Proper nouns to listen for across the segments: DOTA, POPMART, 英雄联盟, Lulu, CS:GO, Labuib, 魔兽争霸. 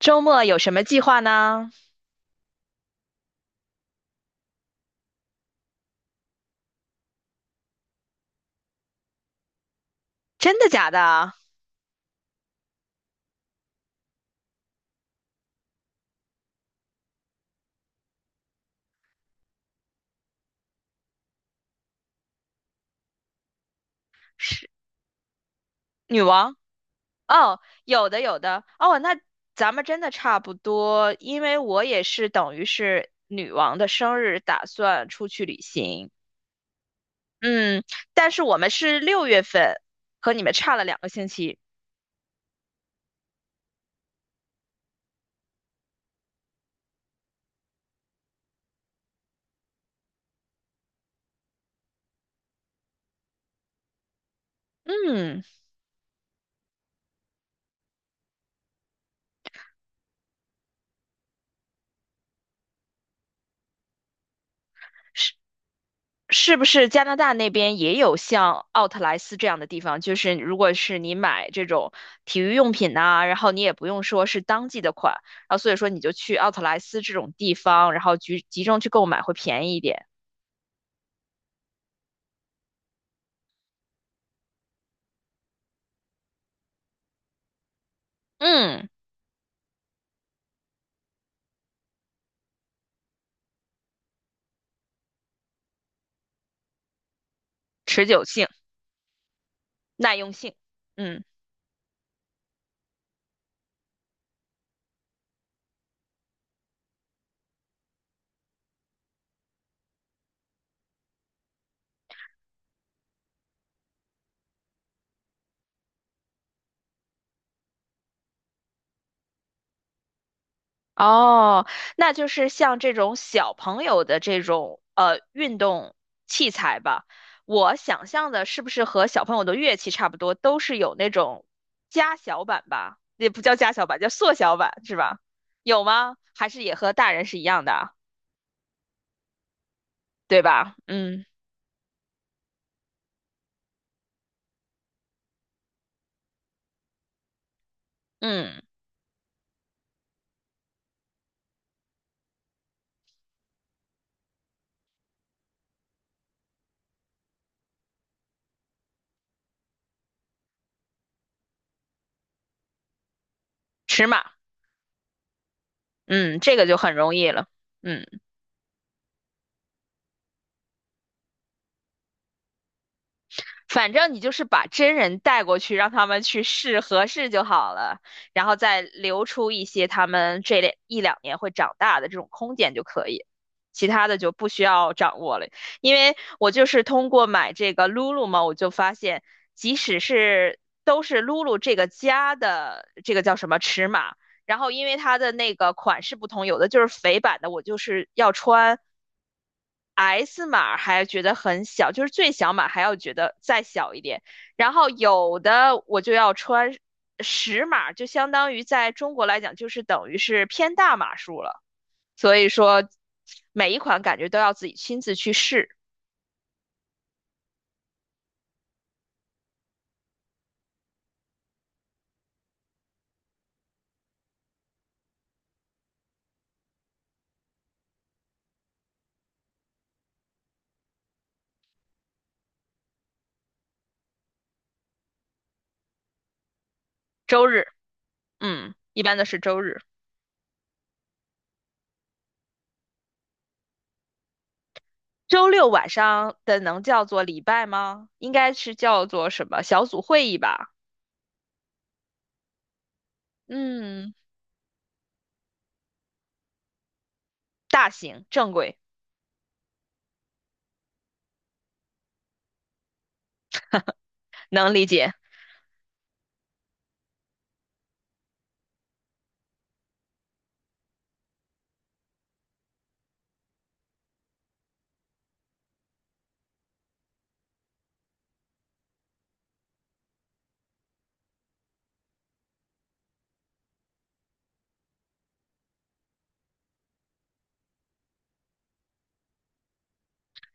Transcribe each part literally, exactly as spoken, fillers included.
周末有什么计划呢？真的假的？是女王？哦，有的有的。哦，那咱们真的差不多，因为我也是等于是女王的生日，打算出去旅行。嗯，但是我们是六月份，和你们差了两个星期。嗯，是不是加拿大那边也有像奥特莱斯这样的地方？就是如果是你买这种体育用品呐、然后你也不用说是当季的款，然后所以说你就去奥特莱斯这种地方，然后集集中去购买会便宜一点。嗯，持久性、耐用性，嗯。哦，那就是像这种小朋友的这种呃运动器材吧。我想象的是不是和小朋友的乐器差不多，都是有那种加小版吧？也不叫加小版，叫缩小版是吧？有吗？还是也和大人是一样的啊对吧？嗯嗯，尺码，嗯，这个就很容易了。嗯。反正你就是把真人带过去，让他们去试合适就好了，然后再留出一些他们这两一两年会长大的这种空间就可以，其他的就不需要掌握了。因为我就是通过买这个 Lulu 嘛，我就发现，即使是都是 Lulu 这个家的这个叫什么尺码，然后因为它的那个款式不同，有的就是肥版的，我就是要穿 S 码还觉得很小，就是最小码还要觉得再小一点。然后有的我就要穿十码，就相当于在中国来讲，就是等于是偏大码数了。所以说，每一款感觉都要自己亲自去试。周日，嗯，一般的是周日。周六晚上的能叫做礼拜吗？应该是叫做什么小组会议吧？嗯，大型正规，能理解。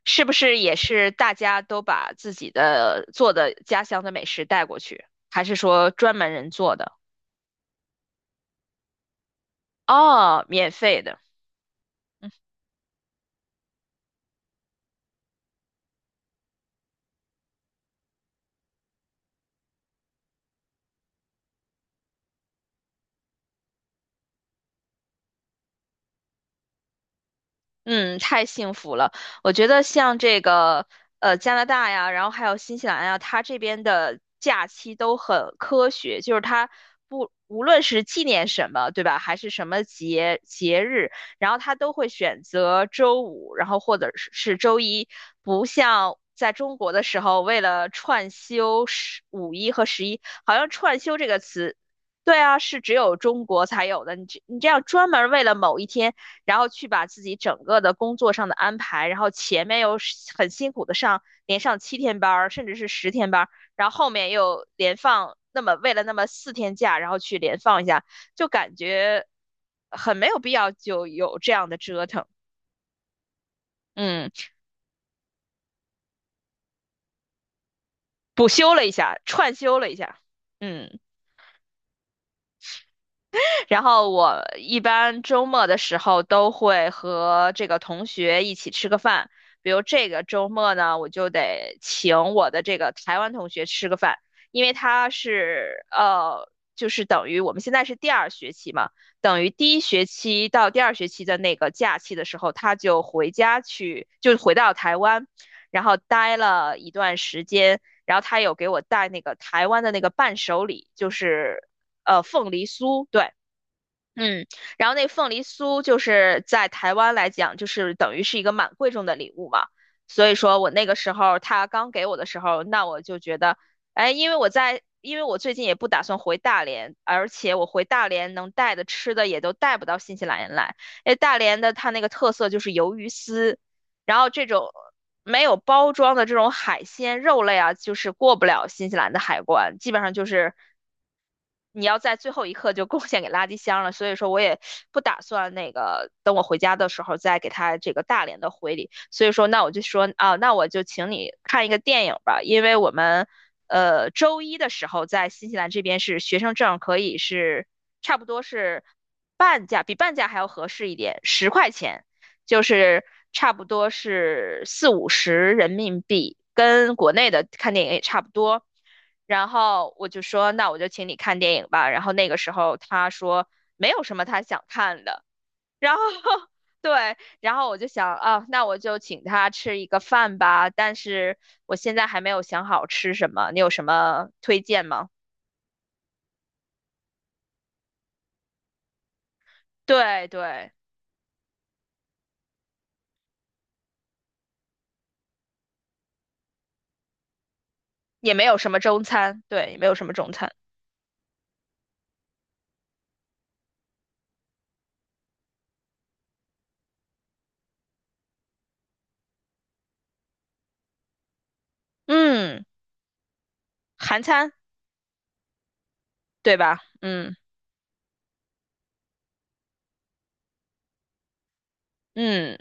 是不是也是大家都把自己的做的家乡的美食带过去，还是说专门人做的？哦，免费的，嗯，太幸福了。我觉得像这个呃加拿大呀，然后还有新西兰呀，它这边的假期都很科学，就是它不无论是纪念什么，对吧，还是什么节节日，然后它都会选择周五，然后或者是是周一，不像。在中国的时候，为了串休十五一和十一，好像"串休"这个词对啊，是只有中国才有的。你这你这样专门为了某一天，然后去把自己整个的工作上的安排，然后前面又很辛苦的上，连上七天班儿，甚至是十天班儿，然后后面又连放那么为了那么四天假，然后去连放一下，就感觉很没有必要，就有这样的折腾。嗯，补休了一下，串休了一下，嗯。然后我一般周末的时候都会和这个同学一起吃个饭，比如这个周末呢，我就得请我的这个台湾同学吃个饭，因为他是呃，就是等于我们现在是第二学期嘛，等于第一学期到第二学期的那个假期的时候，他就回家去，就回到台湾，然后待了一段时间，然后他有给我带那个台湾的那个伴手礼，就是。呃，凤梨酥，对，嗯，然后那凤梨酥就是在台湾来讲，就是等于是一个蛮贵重的礼物嘛。所以说我那个时候他刚给我的时候，那我就觉得，哎，因为我在，因为我最近也不打算回大连，而且我回大连能带的吃的也都带不到新西兰来。哎，大连的它那个特色就是鱿鱼丝，然后这种没有包装的这种海鲜肉类啊，就是过不了新西兰的海关，基本上就是你要在最后一刻就贡献给垃圾箱了，所以说我也不打算那个等我回家的时候再给他这个大连的回礼，所以说那我就说啊，那我就请你看一个电影吧，因为我们呃周一的时候在新西兰这边是学生证可以是差不多是半价，比半价还要合适一点，十块钱，就是差不多是四五十人民币，跟国内的看电影也差不多。然后我就说，那我就请你看电影吧。然后那个时候他说没有什么他想看的，然后 对，然后我就想啊，那我就请他吃一个饭吧。但是我现在还没有想好吃什么，你有什么推荐吗？对对，也没有什么中餐，对，也没有什么中餐，嗯，韩餐，对吧？嗯嗯。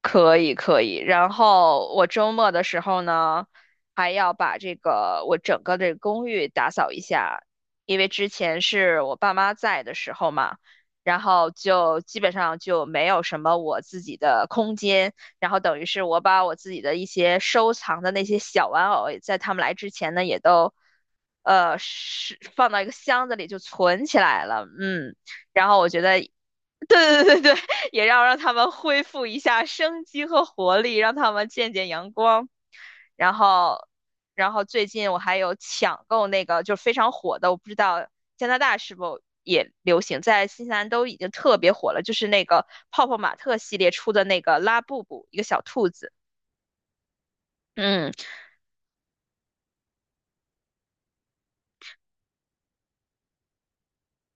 可以可以，然后我周末的时候呢，还要把这个我整个的公寓打扫一下，因为之前是我爸妈在的时候嘛，然后就基本上就没有什么我自己的空间，然后等于是我把我自己的一些收藏的那些小玩偶，在他们来之前呢，也都呃是放到一个箱子里就存起来了，嗯。然后我觉得 对对对对，也要让他们恢复一下生机和活力，让他们见见阳光。然后，然后最近我还有抢购那个就是非常火的，我不知道加拿大是否也流行，在新西兰都已经特别火了，就是那个泡泡玛特系列出的那个拉布布，一个小兔子。嗯。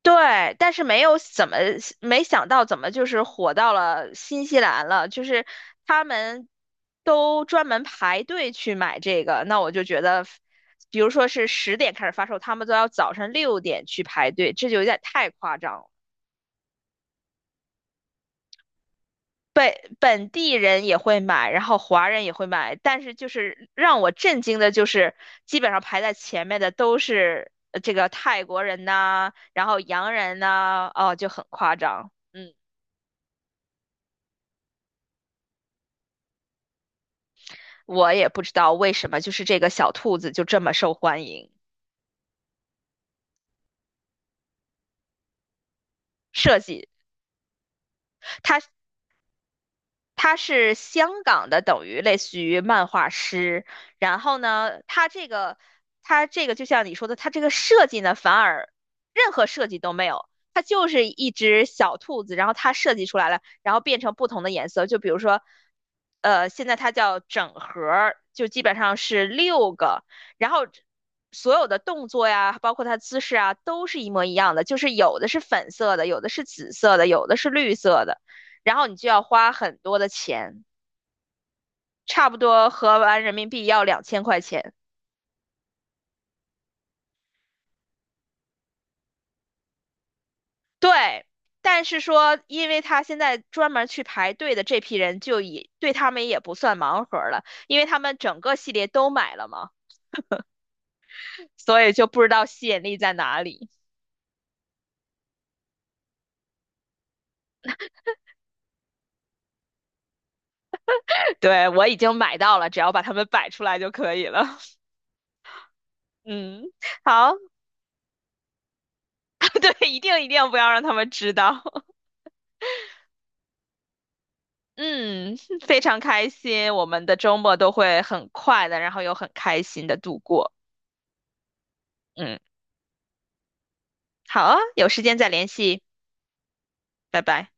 对，但是没有怎么没想到怎么就是火到了新西兰了，就是他们都专门排队去买这个，那我就觉得，比如说是十点开始发售，他们都要早上六点去排队，这就有点太夸张了。本本地人也会买，然后华人也会买，但是就是让我震惊的就是，基本上排在前面的都是呃这个泰国人呐、然后洋人呐、哦，就很夸张。嗯。我也不知道为什么，就是这个小兔子就这么受欢迎。设计，它他是香港的，等于类似于漫画师。然后呢，他这个他这个就像你说的，他这个设计呢，反而任何设计都没有，它就是一只小兔子，然后它设计出来了，然后变成不同的颜色。就比如说，呃，现在它叫整盒儿，就基本上是六个，然后。所有的动作呀，包括它姿势啊，都是一模一样的，就是有的是粉色的，有的是紫色的，有的是绿色的。然后你就要花很多的钱，差不多合完人民币要两千块钱。对，但是说，因为他现在专门去排队的这批人，就也对他们也不算盲盒了，因为他们整个系列都买了嘛，所以就不知道吸引力在哪里。对，我已经买到了，只要把它们摆出来就可以了。嗯，好，对，一定一定不要让他们知道。嗯，非常开心，我们的周末都会很快的，然后又很开心的度过。嗯，好啊，有时间再联系，拜拜。